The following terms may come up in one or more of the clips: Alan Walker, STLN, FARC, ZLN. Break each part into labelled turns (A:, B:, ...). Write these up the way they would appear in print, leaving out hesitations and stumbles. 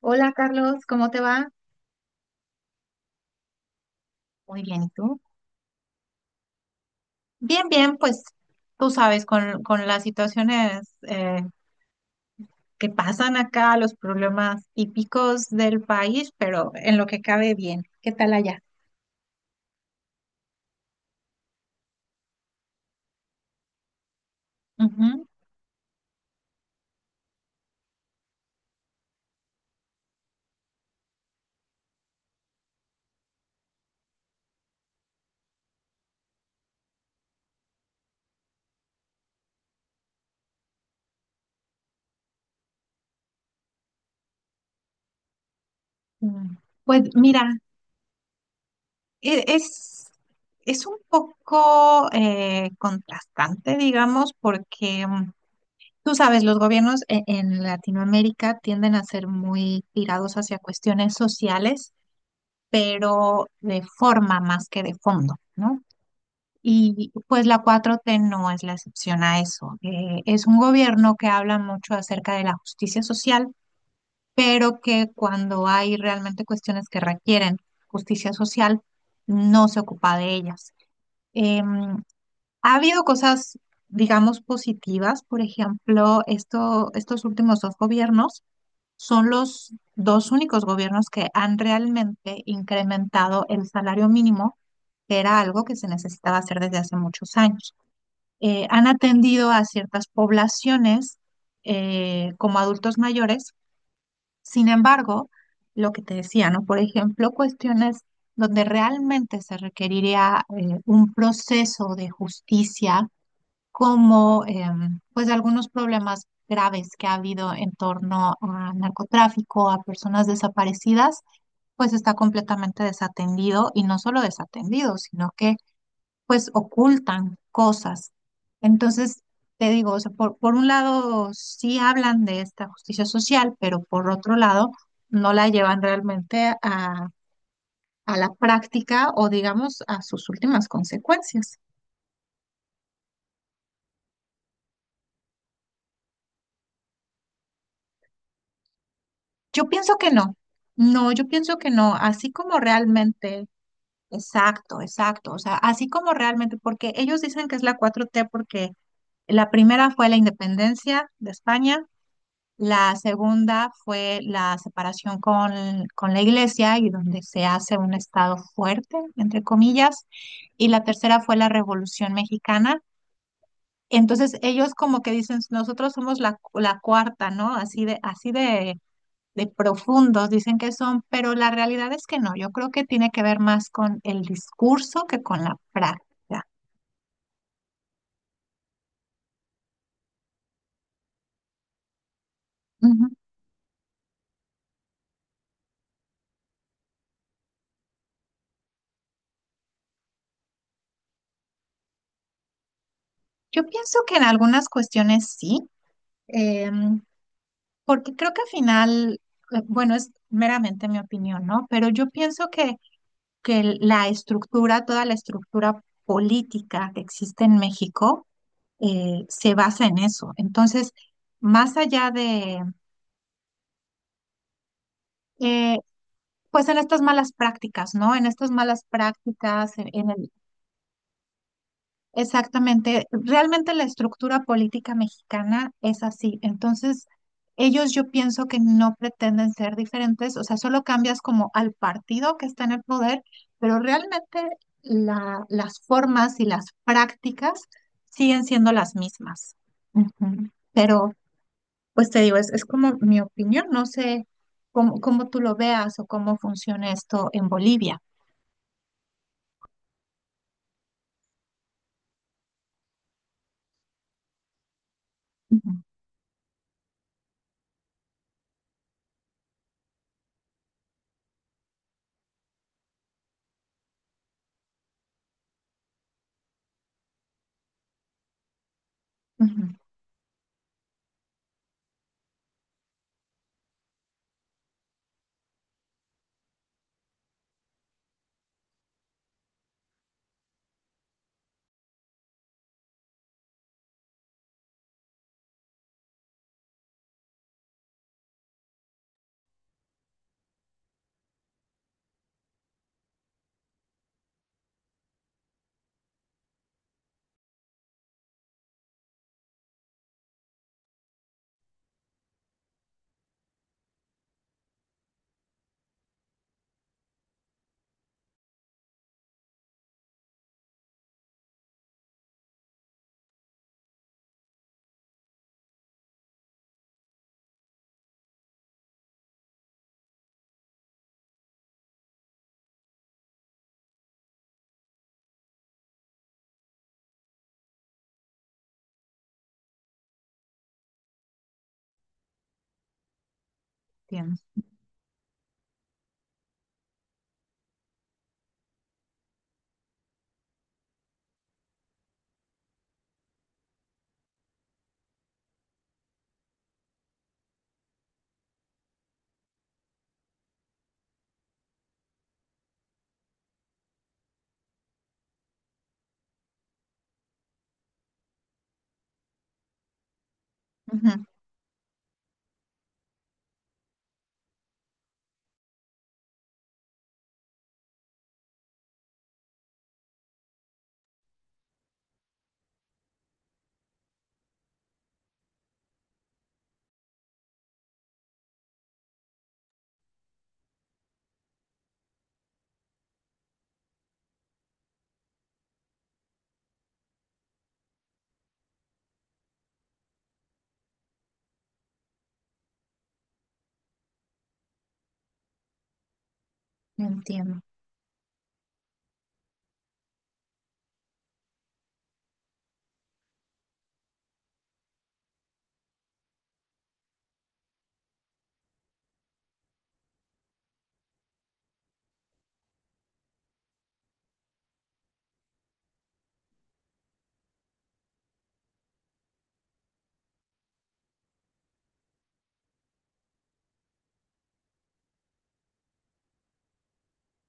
A: Hola Carlos, ¿cómo te va? Muy bien, ¿y tú? Bien, bien, pues tú sabes, con las situaciones que pasan acá, los problemas típicos del país, pero en lo que cabe bien. ¿Qué tal allá? Ujú. Mm. Pues mira, e- es, es un poco contrastante, digamos, porque, tú sabes, los gobiernos en Latinoamérica tienden a ser muy tirados hacia cuestiones sociales, pero de forma más que de fondo, ¿no? Y pues la cuatro t no es la excepción a eso. Es un gobierno que habla mucho acerca de la justicia social, pero que cuando hay realmente cuestiones que requieren justicia social, no se ocupa de ellas. Em, Ha habido cosas, digamos, positivas. Por ejemplo, estos últimos dos gobiernos son los dos únicos gobiernos que han realmente incrementado el salario mínimo, que era algo que se necesitaba hacer desde hace muchos años. Han atendido a ciertas poblaciones como adultos mayores. Sin embargo, lo que te decía, ¿no? Por ejemplo, cuestiones donde realmente se requeriría un proceso de justicia, como pues algunos problemas graves que ha habido en torno a narcotráfico, a personas desaparecidas, pues está completamente desatendido, y no solo desatendido, sino que pues ocultan cosas. Entonces, te digo, o sea, por un lado sí hablan de esta justicia social, pero por otro lado no la llevan realmente a la práctica, o digamos a sus últimas consecuencias. Yo pienso que no, no, yo pienso que no, así como realmente, exacto, exacto, o sea, así como realmente, porque ellos dicen que es la cuatro t porque la primera fue la independencia de España. La segunda fue la separación con la iglesia, y donde se hace un Estado fuerte, entre comillas. Y la tercera fue la Revolución Mexicana. Entonces ellos como que dicen, nosotros somos la, la cuarta, ¿no? Así de profundos dicen que son, pero la realidad es que no. Yo creo que tiene que ver más con el discurso que con la práctica. Ujú. Yo pienso que en algunas cuestiones sí. Em, Porque creo que al final, bueno, es meramente mi opinión, ¿no? Pero yo pienso que la estructura, toda la estructura política que existe en México, se basa en eso. Entonces, más allá de, eh, pues en estas malas prácticas, ¿no? En estas malas prácticas, en, exactamente. Realmente la estructura política mexicana es así. Entonces, ellos yo pienso que no pretenden ser diferentes, o sea, solo cambias como al partido que está en el poder, pero realmente las formas y las prácticas siguen siendo las mismas. Ujú. Pero, pues te digo, es como mi opinión, no sé cómo tú lo veas o cómo funciona esto en Bolivia. Ujú, ujú. Entiendo. Ujú. Entiendo.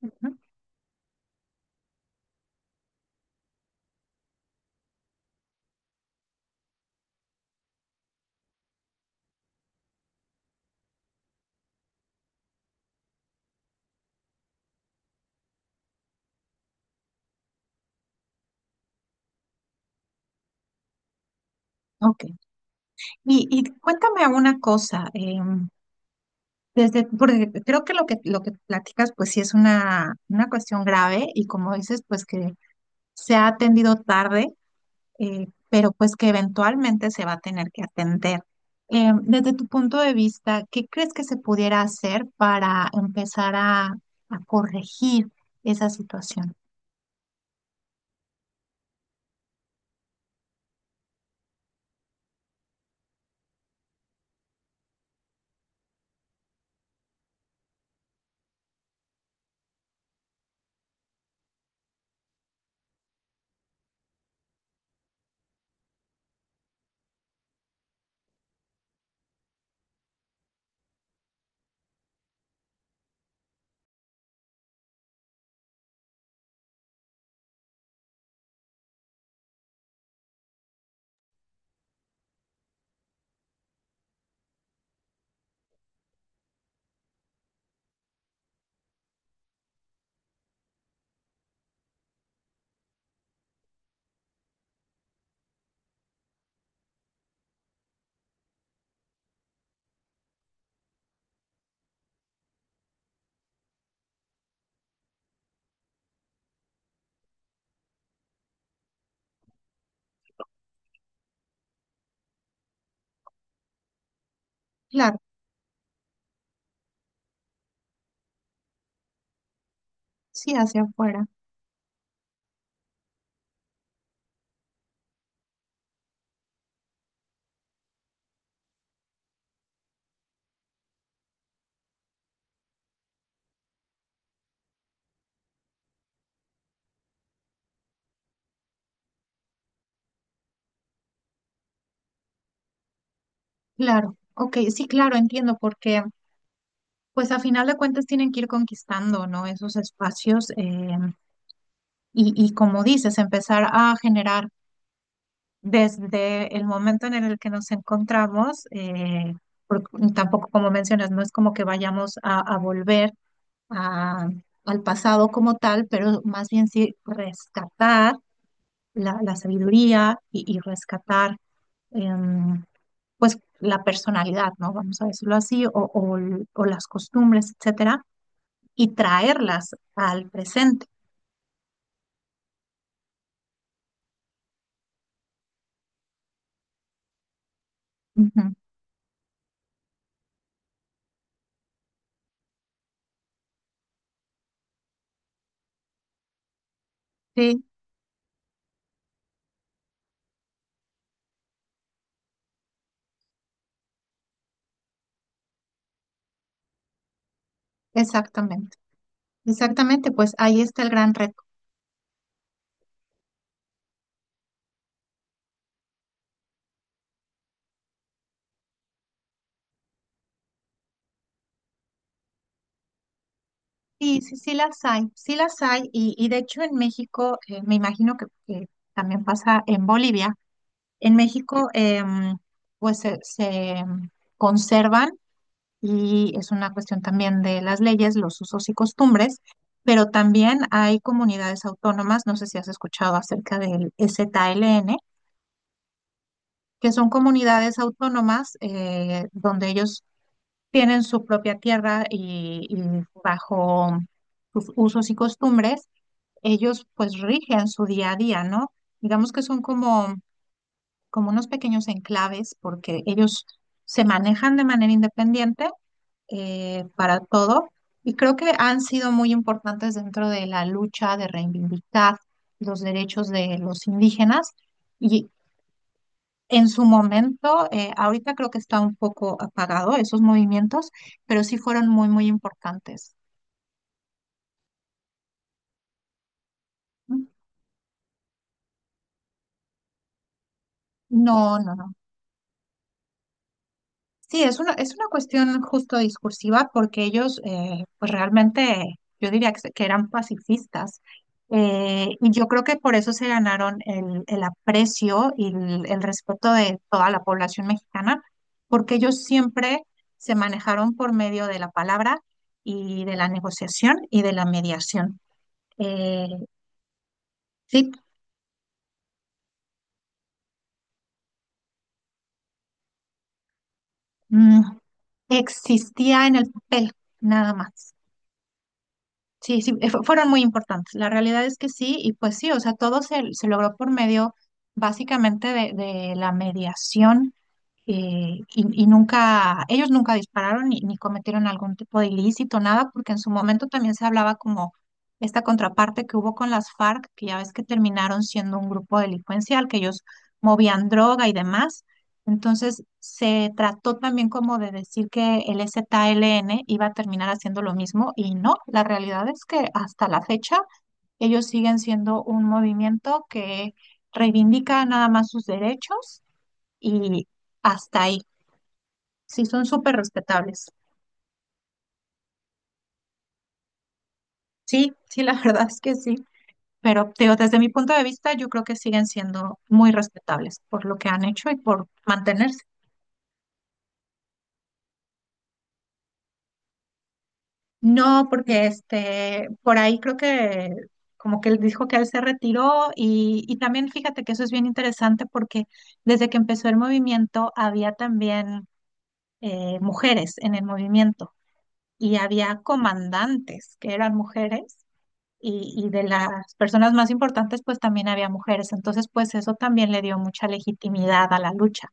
A: Ujú. Ok. Y cuéntame una cosa, desde, porque creo que lo que platicas, pues sí es una cuestión grave, y como dices, pues que se ha atendido tarde, pero pues que eventualmente se va a tener que atender. Desde tu punto de vista, ¿qué crees que se pudiera hacer para empezar a corregir esa situación? Claro, sí, hacia afuera. Claro, ok, sí, claro, entiendo porque pues a final de cuentas tienen que ir conquistando, ¿no? Esos espacios, y como dices, empezar a generar desde el momento en el que nos encontramos, porque tampoco, como mencionas, no es como que vayamos a volver a- al pasado como tal, pero más bien sí rescatar la, la sabiduría, y rescatar em, pues la personalidad, ¿no? Vamos a decirlo así, o las costumbres, etcétera, y traerlas al presente. Ujú. Sí, exactamente. Exactamente, pues ahí está el gran reto. Sí, sí, sí las hay, sí las hay. Y de hecho en México, me imagino que también pasa en Bolivia, en México, pues se conservan, y es una cuestión también de las leyes, los usos y costumbres, pero también hay comunidades autónomas, no sé si has escuchado acerca del STLN, que son comunidades autónomas, donde ellos tienen su propia tierra, y bajo sus usos y costumbres, ellos pues rigen su día a día, ¿no? Digamos que son como, como unos pequeños enclaves, porque ellos se manejan de manera independiente, para todo, y creo que han sido muy importantes dentro de la lucha de reivindicar los derechos de los indígenas. En su momento, ahorita creo que está un poco apagado esos movimientos, pero sí fueron muy, muy importantes. No, no, no. Sí, es una cuestión justo discursiva, porque ellos, pues realmente, yo diría que, que eran pacifistas. Y yo creo que por eso se ganaron el aprecio y el respeto de toda la población mexicana, porque ellos siempre se manejaron por medio de la palabra, y de la negociación y de la mediación. Eh, sí, mm, existía en el papel, nada más. Sí, sí, fueron muy importantes. La realidad es que sí, y pues sí, o sea, todo se, se logró por medio básicamente de la mediación, y nunca, ellos nunca dispararon, ni, ni cometieron algún tipo de ilícito, nada, porque en su momento también se hablaba como esta contraparte que hubo con las FARC, que ya ves que terminaron siendo un grupo delincuencial, que ellos movían droga y demás. Entonces se trató también como de decir que el ZLN iba a terminar haciendo lo mismo, y no, la realidad es que hasta la fecha ellos siguen siendo un movimiento que reivindica nada más sus derechos, y hasta ahí. Sí, son súper respetables. Sí, sí, la verdad es que sí, pero te digo, desde mi punto de vista yo creo que siguen siendo muy respetables por lo que han hecho y por mantenerse. No, porque este, por ahí creo que como que él dijo que él se retiró, y también fíjate que eso es bien interesante, porque desde que empezó el movimiento había también mujeres en el movimiento, y había comandantes que eran mujeres, y de las personas más importantes pues también había mujeres. Entonces pues eso también le dio mucha legitimidad a la lucha.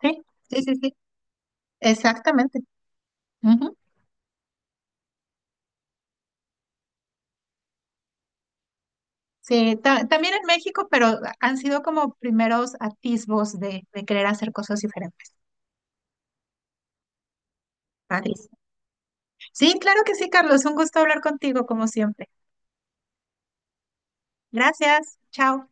A: Sí, sí, sí, sí. Exactamente. Sí, también en México, pero han sido como primeros atisbos de querer hacer cosas diferentes. Padrísimo. Sí, claro que sí, Carlos. Un gusto hablar contigo, como siempre. Gracias. Chao.